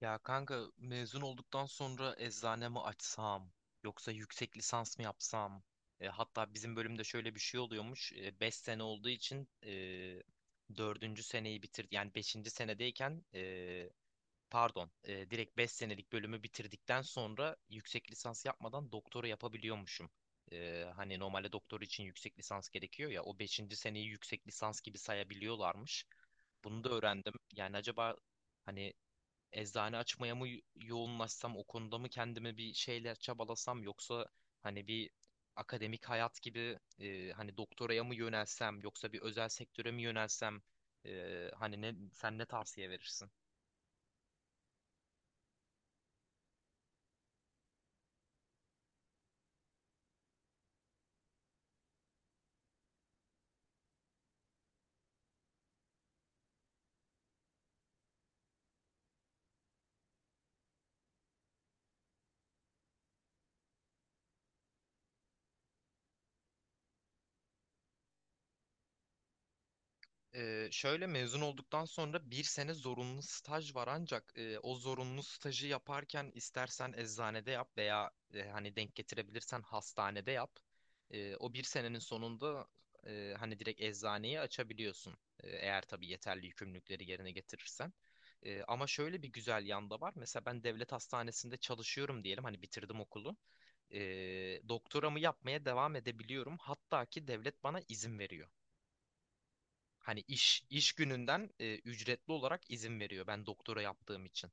Ya kanka mezun olduktan sonra eczane mi açsam yoksa yüksek lisans mı yapsam? Hatta bizim bölümde şöyle bir şey oluyormuş. Beş sene olduğu için 4. seneyi bitir yani beşinci senedeyken pardon, direkt 5 senelik bölümü bitirdikten sonra yüksek lisans yapmadan doktora yapabiliyormuşum. Hani normalde doktor için yüksek lisans gerekiyor ya, o beşinci seneyi yüksek lisans gibi sayabiliyorlarmış. Bunu da öğrendim. Yani acaba hani eczane açmaya mı yoğunlaşsam, o konuda mı kendimi bir şeyler çabalasam yoksa hani bir akademik hayat gibi, hani doktoraya mı yönelsem yoksa bir özel sektöre mi yönelsem, hani ne sen ne tavsiye verirsin? Şöyle, mezun olduktan sonra bir sene zorunlu staj var ancak o zorunlu stajı yaparken istersen eczanede yap veya hani denk getirebilirsen hastanede yap. O bir senenin sonunda hani direkt eczaneyi açabiliyorsun. E, eğer tabii yeterli yükümlülükleri yerine getirirsen. Ama şöyle bir güzel yanda var. Mesela ben devlet hastanesinde çalışıyorum diyelim, hani bitirdim okulu. E, Doktoramı yapmaya devam edebiliyorum. Hatta ki devlet bana izin veriyor. Hani iş gününden ücretli olarak izin veriyor ben doktora yaptığım için.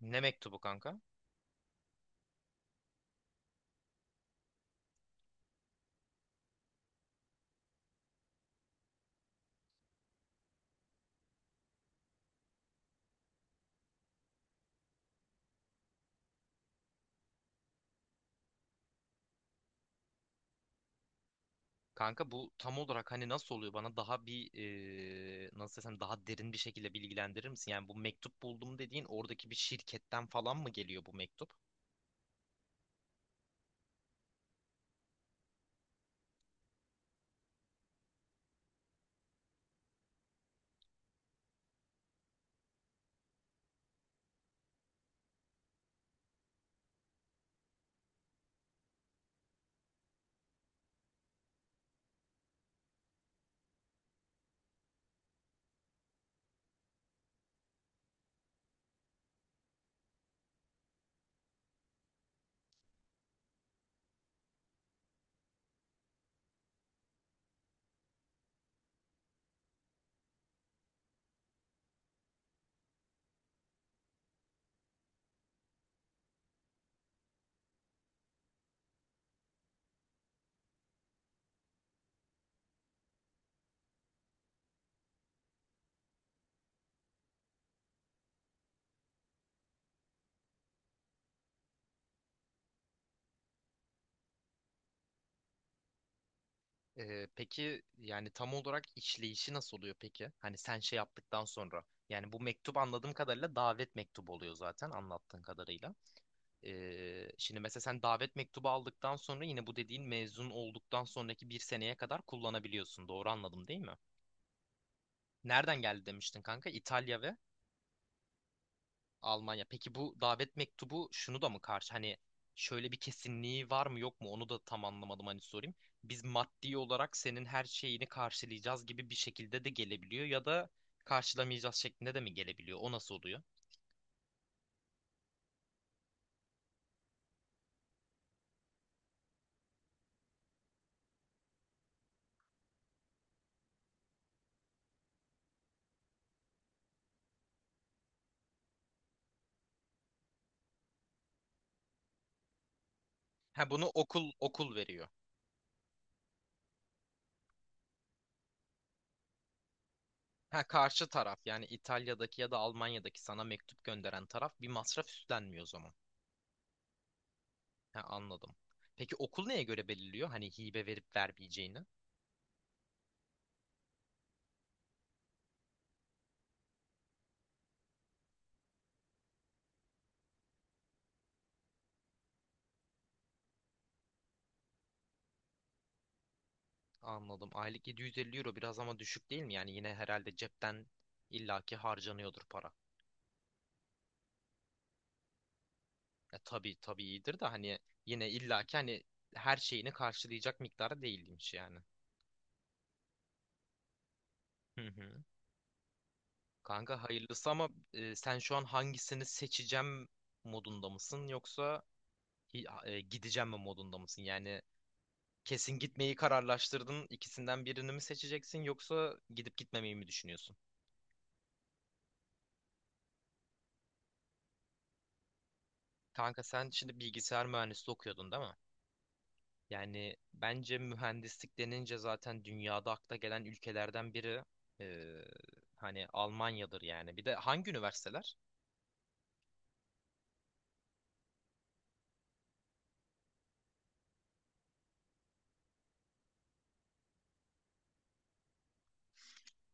Ne mektubu kanka? Kanka, bu tam olarak hani nasıl oluyor, bana daha bir, nasıl desem, daha derin bir şekilde bilgilendirir misin? Yani bu mektup buldum dediğin oradaki bir şirketten falan mı geliyor bu mektup? Peki yani tam olarak işleyişi nasıl oluyor peki? Hani sen şey yaptıktan sonra, yani bu mektup anladığım kadarıyla davet mektubu oluyor zaten anlattığın kadarıyla. Şimdi mesela sen davet mektubu aldıktan sonra yine bu dediğin mezun olduktan sonraki bir seneye kadar kullanabiliyorsun. Doğru anladım değil mi? Nereden geldi demiştin kanka? İtalya ve Almanya. Peki bu davet mektubu şunu da mı karşı? Hani şöyle bir kesinliği var mı yok mu? Onu da tam anlamadım, hani sorayım. Biz maddi olarak senin her şeyini karşılayacağız gibi bir şekilde de gelebiliyor ya da karşılamayacağız şeklinde de mi gelebiliyor? O nasıl oluyor? Ha, bunu okul veriyor. Ha, karşı taraf, yani İtalya'daki ya da Almanya'daki sana mektup gönderen taraf bir masraf üstlenmiyor o zaman. Ha, anladım. Peki okul neye göre belirliyor, hani hibe verip vermeyeceğini? Anladım. Aylık 750 euro biraz ama düşük değil mi? Yani yine herhalde cepten illaki harcanıyordur para. Tabii tabii, iyidir de hani, yine illaki hani her şeyini karşılayacak miktarı değilmiş yani. Hı hı. Kanka hayırlısı ama sen şu an hangisini seçeceğim modunda mısın, yoksa gideceğim mi modunda mısın? Yani kesin gitmeyi kararlaştırdın, İkisinden birini mi seçeceksin yoksa gidip gitmemeyi mi düşünüyorsun? Kanka sen şimdi bilgisayar mühendisliği okuyordun değil mi? Yani bence mühendislik denince zaten dünyada akla gelen ülkelerden biri, eee, hani Almanya'dır yani. Bir de hangi üniversiteler?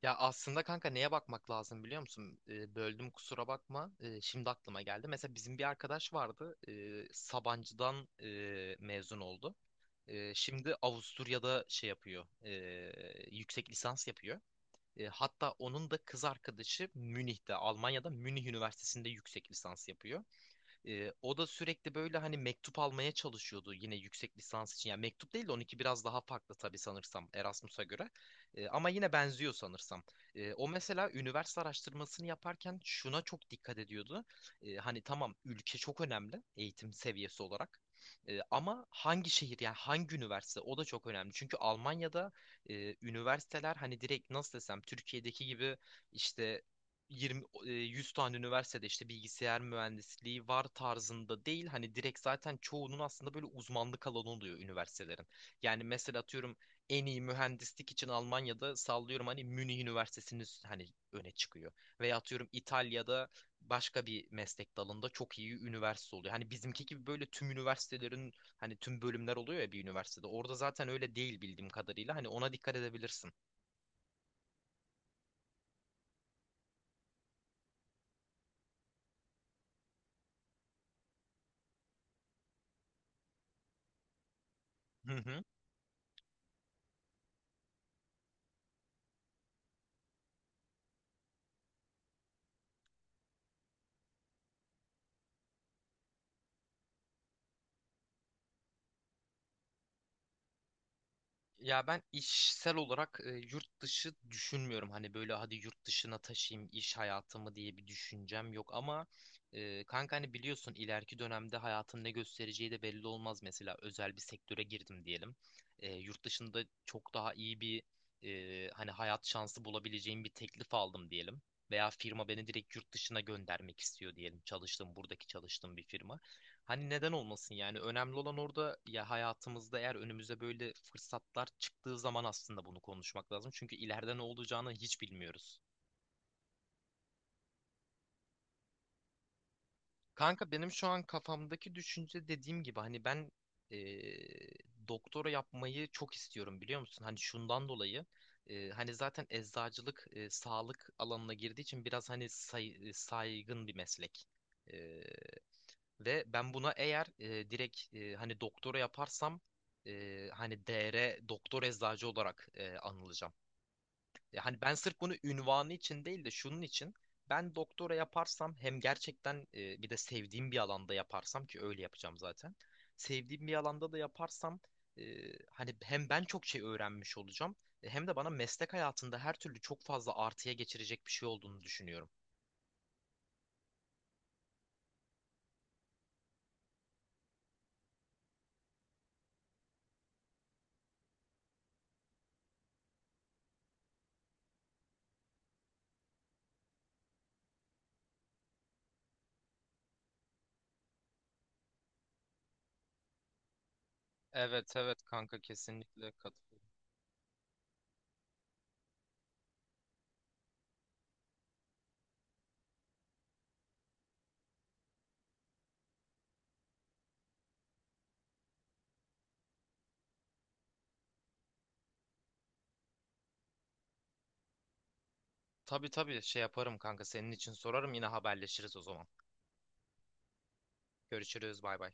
Ya aslında kanka neye bakmak lazım biliyor musun? Böldüm, kusura bakma. Şimdi aklıma geldi. Mesela bizim bir arkadaş vardı, Sabancı'dan mezun oldu. Şimdi Avusturya'da şey yapıyor, yüksek lisans yapıyor. Hatta onun da kız arkadaşı Münih'te, Almanya'da Münih Üniversitesi'nde yüksek lisans yapıyor. O da sürekli böyle hani mektup almaya çalışıyordu yine yüksek lisans için. Yani mektup değil de 12 biraz daha farklı tabii sanırsam Erasmus'a göre. Ama yine benziyor sanırsam. O mesela üniversite araştırmasını yaparken şuna çok dikkat ediyordu. Hani tamam, ülke çok önemli eğitim seviyesi olarak. Ama hangi şehir, yani hangi üniversite, o da çok önemli. Çünkü Almanya'da üniversiteler hani direkt nasıl desem Türkiye'deki gibi işte 20 100 tane üniversitede işte bilgisayar mühendisliği var tarzında değil. Hani direkt zaten çoğunun aslında böyle uzmanlık alanı oluyor üniversitelerin. Yani mesela atıyorum en iyi mühendislik için Almanya'da sallıyorum hani Münih Üniversitesi'nin hani öne çıkıyor. Veya atıyorum İtalya'da başka bir meslek dalında çok iyi üniversite oluyor. Hani bizimki gibi böyle tüm üniversitelerin hani tüm bölümler oluyor ya bir üniversitede. Orada zaten öyle değil bildiğim kadarıyla. Hani ona dikkat edebilirsin. Hı hı. Ya ben işsel olarak yurt dışı düşünmüyorum. Hani böyle hadi yurt dışına taşıyayım iş hayatımı diye bir düşüncem yok ama kanka hani biliyorsun ileriki dönemde hayatın ne göstereceği de belli olmaz. Mesela özel bir sektöre girdim diyelim. Yurt dışında çok daha iyi bir, hani hayat şansı bulabileceğim bir teklif aldım diyelim. Veya firma beni direkt yurt dışına göndermek istiyor diyelim. Buradaki çalıştığım bir firma. Hani neden olmasın yani, önemli olan orada ya, hayatımızda eğer önümüze böyle fırsatlar çıktığı zaman aslında bunu konuşmak lazım. Çünkü ileride ne olacağını hiç bilmiyoruz. Kanka benim şu an kafamdaki düşünce, dediğim gibi hani ben eee, doktora yapmayı çok istiyorum, biliyor musun? Hani şundan dolayı: hani zaten eczacılık sağlık alanına girdiği için biraz hani saygın bir meslek. Ve ben buna eğer direkt hani doktora yaparsam hani DR doktor eczacı olarak anılacağım. Hani ben sırf bunu ünvanı için değil de şunun için, ben doktora yaparsam hem gerçekten, bir de sevdiğim bir alanda yaparsam, ki öyle yapacağım zaten. Sevdiğim bir alanda da yaparsam e, hani hem ben çok şey öğrenmiş olacağım, hem de bana meslek hayatında her türlü çok fazla artıya geçirecek bir şey olduğunu düşünüyorum. Evet evet kanka, kesinlikle katılıyorum. Tabii tabii, şey yaparım kanka senin için, sorarım, yine haberleşiriz o zaman. Görüşürüz, bay bay.